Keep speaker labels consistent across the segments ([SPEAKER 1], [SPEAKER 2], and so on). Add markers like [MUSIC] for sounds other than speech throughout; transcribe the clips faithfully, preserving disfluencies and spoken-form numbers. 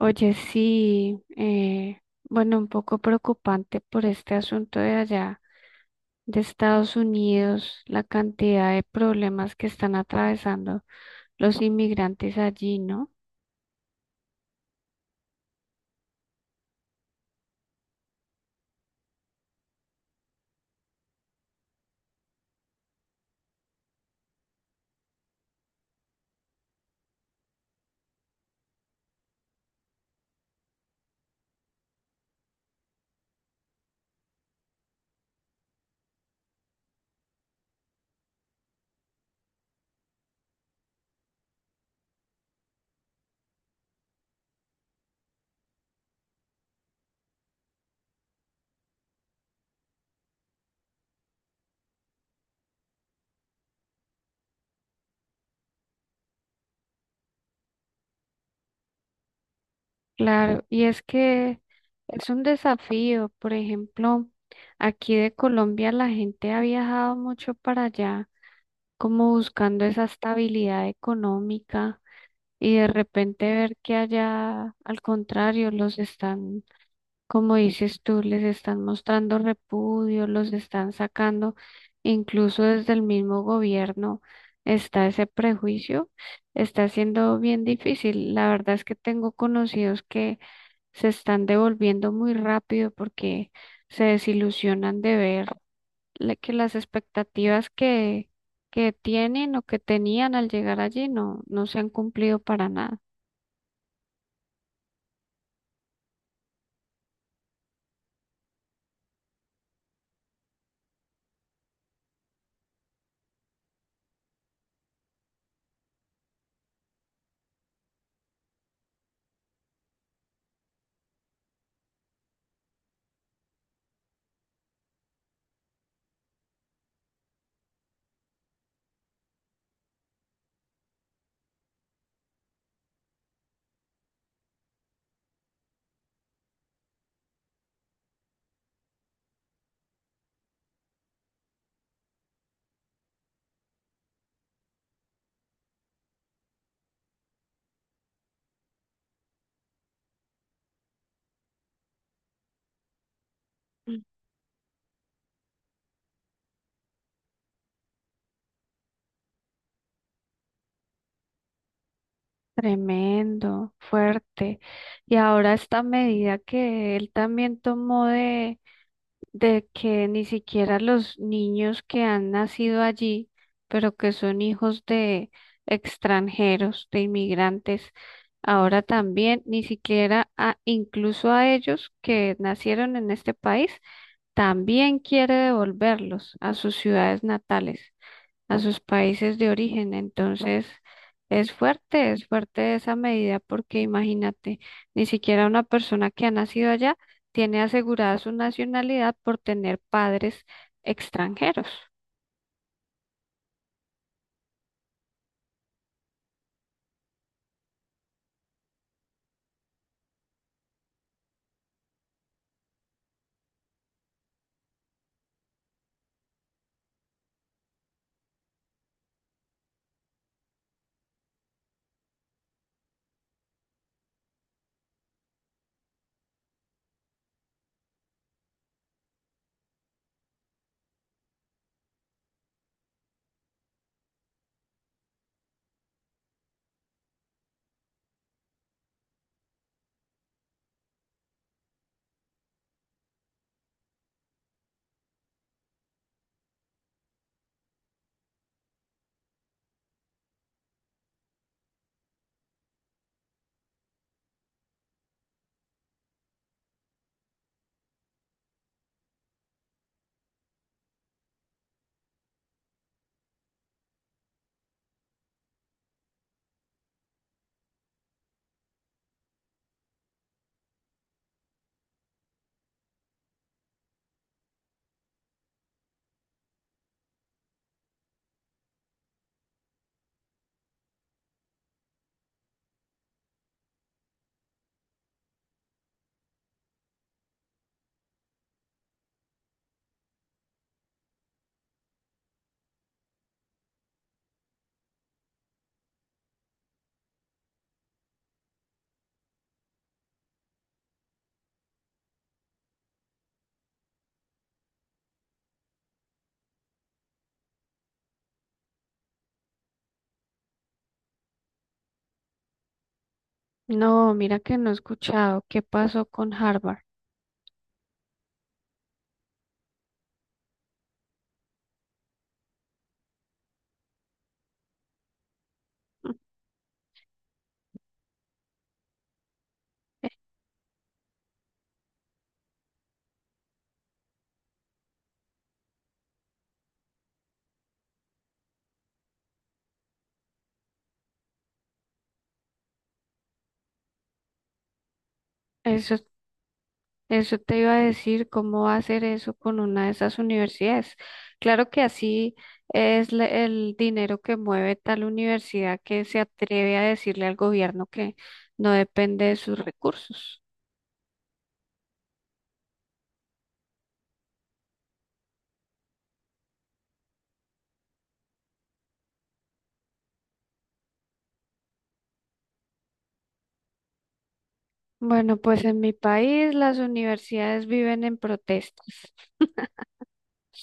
[SPEAKER 1] Oye, sí, eh, bueno, un poco preocupante por este asunto de allá, de Estados Unidos, la cantidad de problemas que están atravesando los inmigrantes allí, ¿no? Claro, y es que es un desafío, por ejemplo, aquí de Colombia la gente ha viajado mucho para allá, como buscando esa estabilidad económica, y de repente ver que allá, al contrario, los están como dices tú, les están mostrando repudio, los están sacando, incluso desde el mismo gobierno está ese prejuicio, está siendo bien difícil. La verdad es que tengo conocidos que se están devolviendo muy rápido porque se desilusionan de ver la- que las expectativas que, que tienen o que tenían al llegar allí no, no se han cumplido para nada. Tremendo, fuerte. Y ahora esta medida que él también tomó de, de que ni siquiera los niños que han nacido allí, pero que son hijos de extranjeros, de inmigrantes, ahora también ni siquiera a- incluso a ellos que nacieron en este país, también quiere devolverlos a sus ciudades natales a sus países de origen. Entonces, es fuerte, es fuerte esa medida porque imagínate, ni siquiera una persona que ha nacido allá tiene asegurada su nacionalidad por tener padres extranjeros. No, mira que no he escuchado qué pasó con Harvard. Eh, Eso Eso te iba a decir, ¿cómo va a hacer eso con una de esas universidades? Claro que así es la- el dinero que mueve tal universidad que se atreve a decirle al gobierno que no depende de sus recursos. Bueno, pues en mi país las universidades viven en protestas.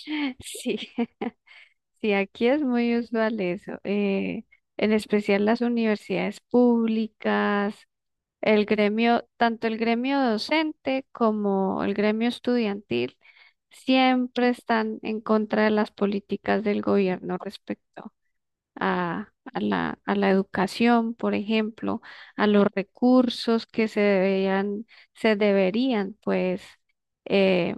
[SPEAKER 1] [LAUGHS] Sí, [LAUGHS] sí, aquí es muy usual eso, eh, en especial las universidades públicas. El gremio, tanto el gremio docente como el gremio estudiantil, siempre están en contra de las políticas del gobierno respecto a, a la, a la educación, por ejemplo, a los recursos que se deberían, se deberían pues eh,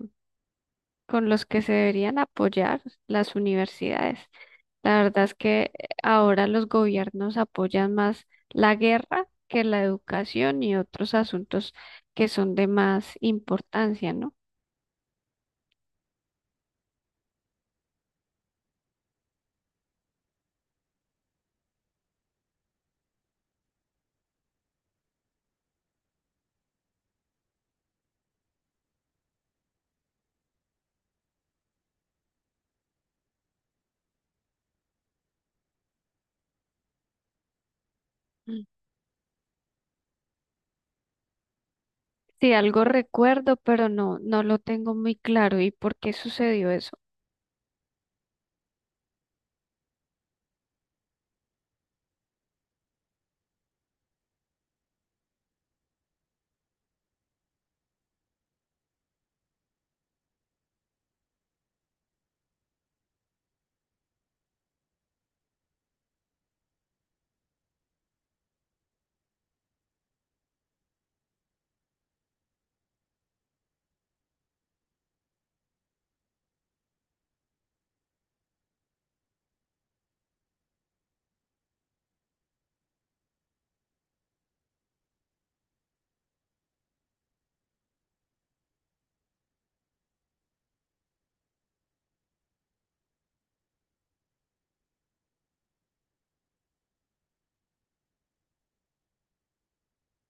[SPEAKER 1] con los que se deberían apoyar las universidades. La verdad es que eh, ahora los gobiernos apoyan más la guerra que la educación y otros asuntos que son de más importancia, ¿no? Mm. Sí, algo recuerdo, pero no, no lo tengo muy claro. ¿Y por qué sucedió eso?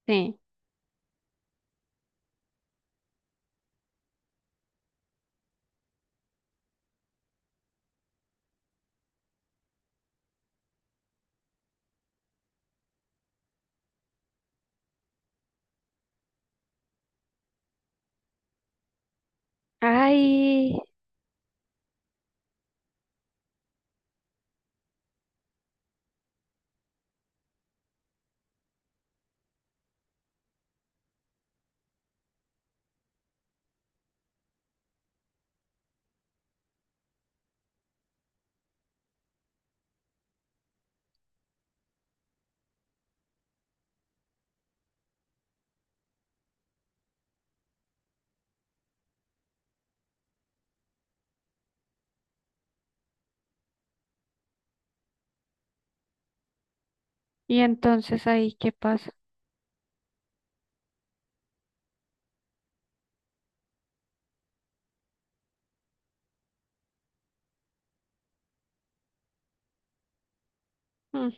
[SPEAKER 1] Sí. Ay, y entonces ahí, ¿qué pasa? Mm.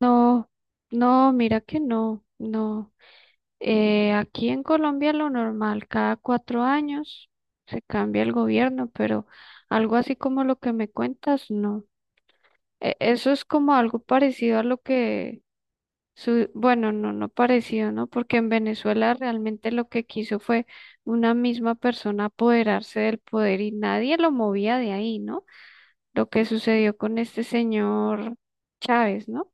[SPEAKER 1] No, no, mira que no, no. Eh, aquí en Colombia lo normal, cada cuatro años se cambia el gobierno, pero algo así como lo que me cuentas, no. E- eso es como algo parecido a lo que, su bueno, no, no parecido, ¿no? Porque en Venezuela realmente lo que quiso fue una misma persona apoderarse del poder y nadie lo movía de ahí, ¿no? Lo que sucedió con este señor Chávez, ¿no?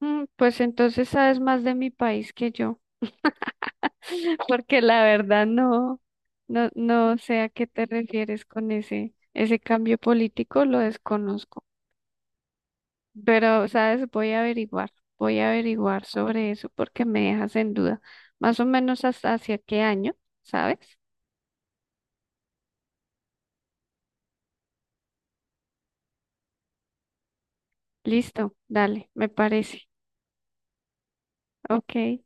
[SPEAKER 1] Mm, pues entonces sabes más de mi país que yo. [LAUGHS] Porque la verdad no, no, no sé a qué te refieres con ese, ese cambio político, lo desconozco. Pero, ¿sabes? Voy a averiguar, voy a averiguar sobre eso porque me dejas en duda. Más o menos hasta hacia qué año, ¿sabes? Listo, dale, me parece. Ok.